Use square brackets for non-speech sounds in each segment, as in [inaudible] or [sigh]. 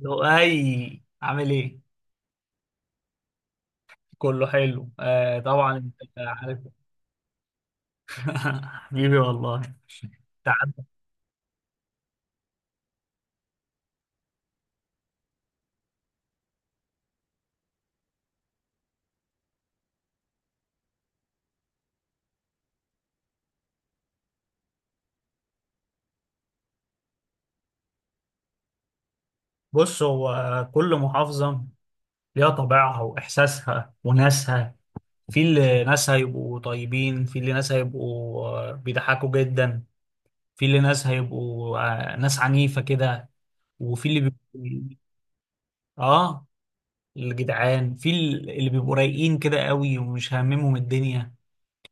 لؤي عامل ايه؟ كله حلو، آه طبعا. انت عارف. [laughs] حبيبي والله. تعال. بص، هو كل محافظة ليها طبيعها وإحساسها وناسها. في اللي ناس هيبقوا طيبين، في اللي ناس هيبقوا بيضحكوا جدا، في اللي ناس هيبقوا ناس عنيفة كده، وفي اللي بيبقوا اه الجدعان، في اللي بيبقوا رايقين كده قوي ومش هاممهم الدنيا،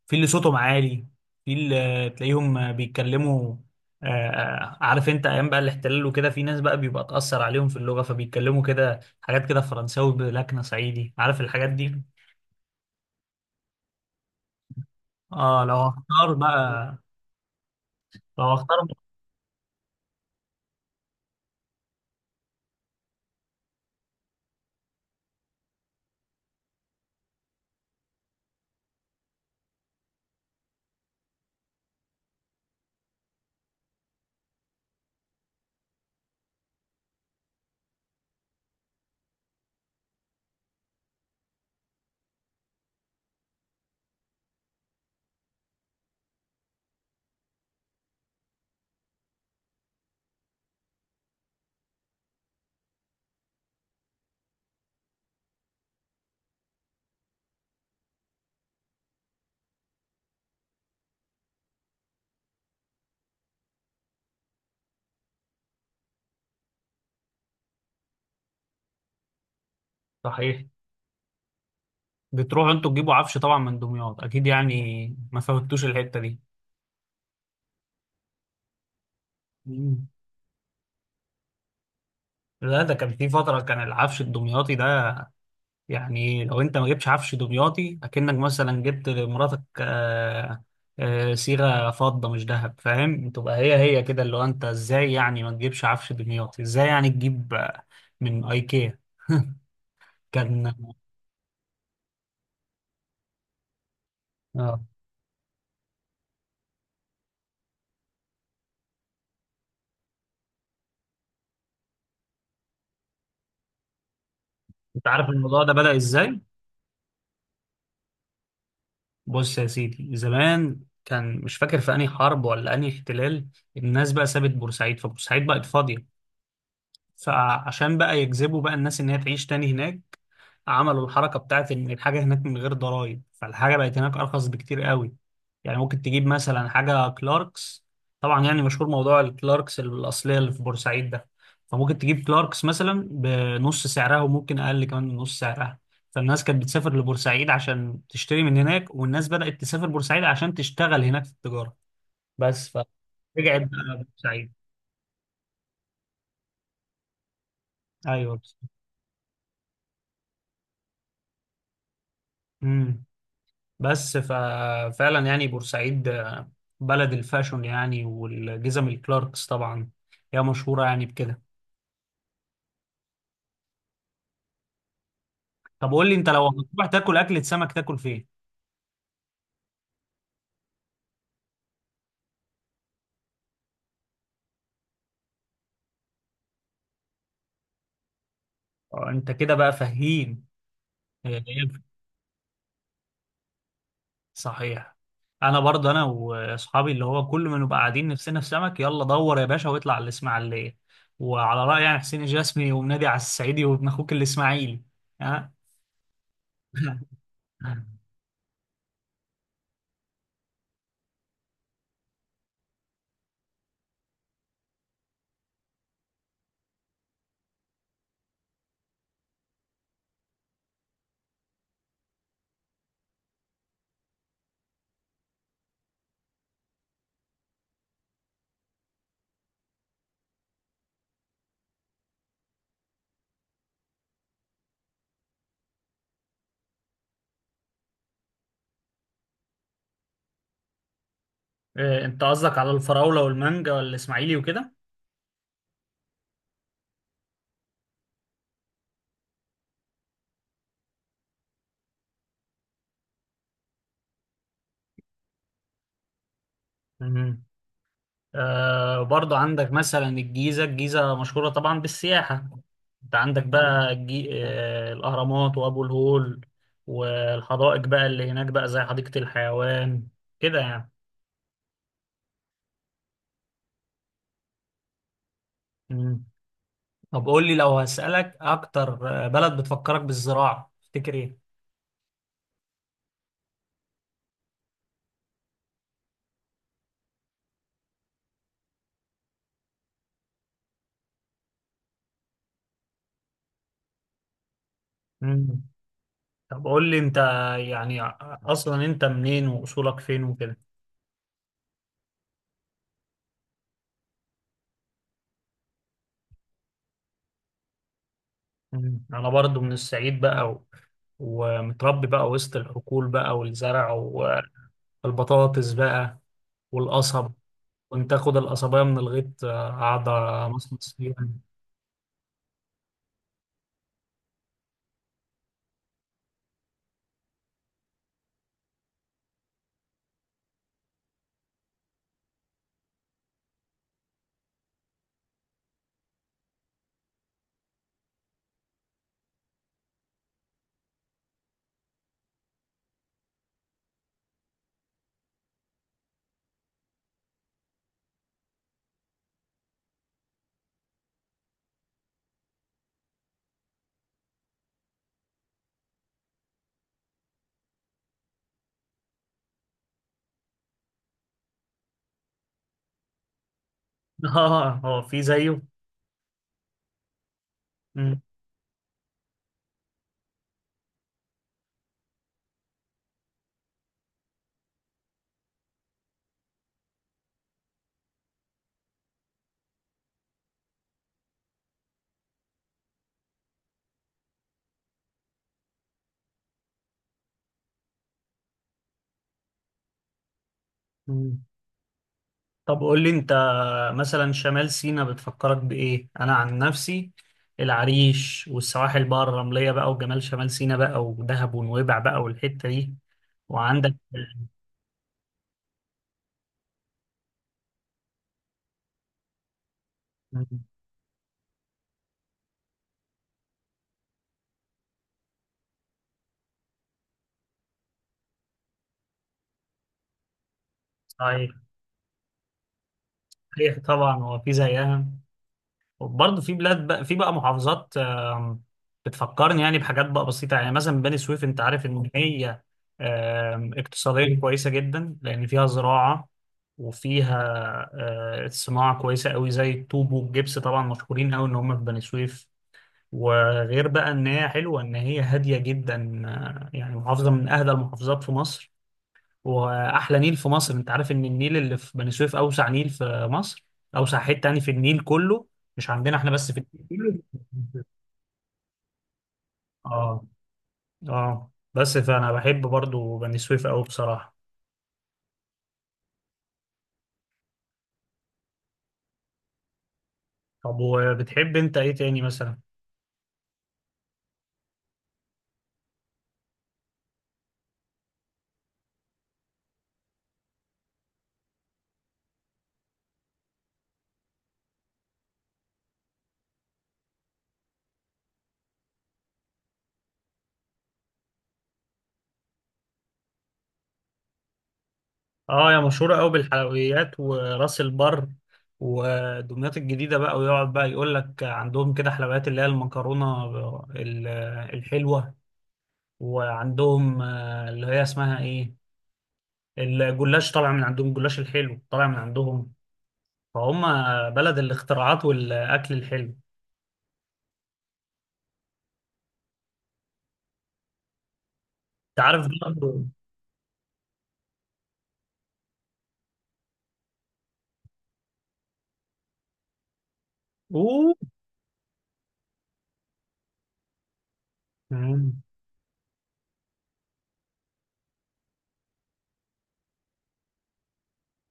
في اللي صوتهم عالي، في اللي تلاقيهم بيتكلموا عارف انت ايام بقى الاحتلال وكده في ناس بقى بيبقى اتأثر عليهم في اللغة فبيتكلموا كده حاجات كده فرنساوي بلكنة صعيدي، عارف الحاجات دي. اه لو هختار بقى، لو هختار. صحيح، بتروحوا انتوا تجيبوا عفش طبعا من دمياط اكيد يعني، ما فوتوش الحتة دي. مم. لا، ده كان في فترة كان العفش الدمياطي ده يعني. لو انت ما جبتش عفش دمياطي اكنك مثلا جبت لمراتك صيغه فضه مش ذهب، فاهم؟ تبقى هي هي كده، اللي هو انت ازاي يعني ما تجيبش عفش دمياطي، ازاي يعني تجيب من ايكيا كان. اه، انت عارف الموضوع ده بدأ ازاي؟ بص يا سيدي، زمان كان، مش فاكر في انهي حرب ولا انهي احتلال، الناس بقى سابت بورسعيد، فبورسعيد بقت فاضيه، فعشان بقى يجذبوا بقى الناس ان هي تعيش تاني هناك، عملوا الحركه بتاعت ان الحاجه هناك من غير ضرائب، فالحاجه بقت هناك ارخص بكتير قوي. يعني ممكن تجيب مثلا حاجه كلاركس، طبعا يعني مشهور موضوع الكلاركس الاصليه اللي في بورسعيد ده، فممكن تجيب كلاركس مثلا بنص سعرها وممكن اقل كمان من نص سعرها. فالناس كانت بتسافر لبورسعيد عشان تشتري من هناك، والناس بدأت تسافر بورسعيد عشان تشتغل هناك في التجاره بس. فرجعت بقى بورسعيد. ايوه. امم، بس ففعلا يعني بورسعيد بلد الفاشون يعني، والجزم الكلاركس طبعا، هي مشهورة يعني بكده. طب قول لي انت، لو هتروح تاكل أكلة سمك تاكل فين؟ انت كده بقى فهيم. آه، صحيح. انا برضه انا واصحابي اللي هو كل ما نبقى قاعدين نفسنا في سمك، يلا دور يا باشا واطلع على الاسماعيلية. وعلى رأي يعني حسين الجسمي، ومنادي على الصعيدي وابن اخوك الاسماعيلي. ها. [laughs] انت قصدك على الفراولة والمانجا والاسماعيلي وكده؟ آه برضو عندك مثلا الجيزة. الجيزة مشهورة طبعا بالسياحة، انت عندك بقى آه الأهرامات وأبو الهول، والحدائق بقى اللي هناك بقى زي حديقة الحيوان كده يعني. مم. طب قول لي، لو هسألك أكتر بلد بتفكرك بالزراعة تفتكر إيه؟ مم. طب قول لي أنت يعني، أصلا أنت منين وأصولك فين وكده. مم. أنا برضو من الصعيد بقى و ومتربي بقى وسط الحقول بقى والزرع والبطاطس بقى والقصب، كنت اخد القصبية من الغيط آه، قاعدة مصمص فيها. [laughs] اه، هو في زيه؟ مم. مم. طب قول لي انت، مثلا شمال سيناء بتفكرك بايه؟ انا عن نفسي العريش والسواحل بقى الرملية بقى وجمال شمال سيناء بقى ودهب ونويبع بقى والحتة دي، وعندك. مم. صحيح. صحيح طبعا، هو في زيها؟ برضه في بلاد بقى، في بقى محافظات آم، بتفكرني يعني بحاجات بقى بسيطة يعني. مثلا بني سويف، انت عارف ان هي آم، اقتصاديا كويسة جدا لان فيها زراعة، وفيها صناعة كويسة قوي زي الطوب والجبس طبعا، مشهورين قوي ان هم في بني سويف. وغير بقى ان هي حلوة، ان هي هادية جدا يعني محافظة من اهدى المحافظات في مصر. واحلى نيل في مصر، انت عارف ان النيل اللي في بني سويف اوسع نيل في مصر، اوسع حته يعني في النيل كله، مش عندنا احنا بس، في النيل كله. اه. اه، بس فانا بحب برضو بني سويف قوي بصراحه. طب وبتحب انت ايه تاني مثلا؟ اه يا مشهوره قوي بالحلويات وراس البر، ودمياط الجديده بقى، ويقعد بقى يقول لك عندهم كده حلويات اللي هي المكرونه ال- الحلوه، وعندهم آه، اللي هي اسمها ايه، الجلاش طالع من عندهم، الجلاش الحلو طالع من عندهم. فهم بلد الاختراعات والاكل الحلو. انت عارف برضه. اوه. مم.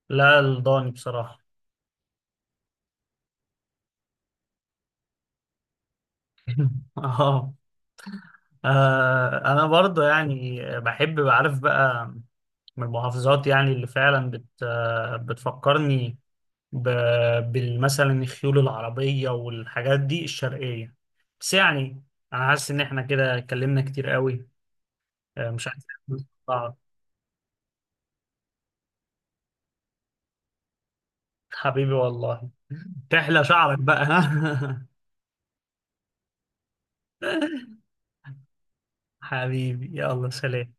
لا الضاني بصراحه. [laughs] اه. انا برضه يعني بحب بعرف بقى من المحافظات، يعني اللي فعلا بت آه، بتفكرني بالمثلا الخيول العربيه والحاجات دي الشرقيه. بس يعني انا حاسس ان احنا كده اتكلمنا كتير قوي مش عارف. حبيبي والله. تحلى شعرك بقى، ها؟ [laughs] حبيبي، يلا سلام.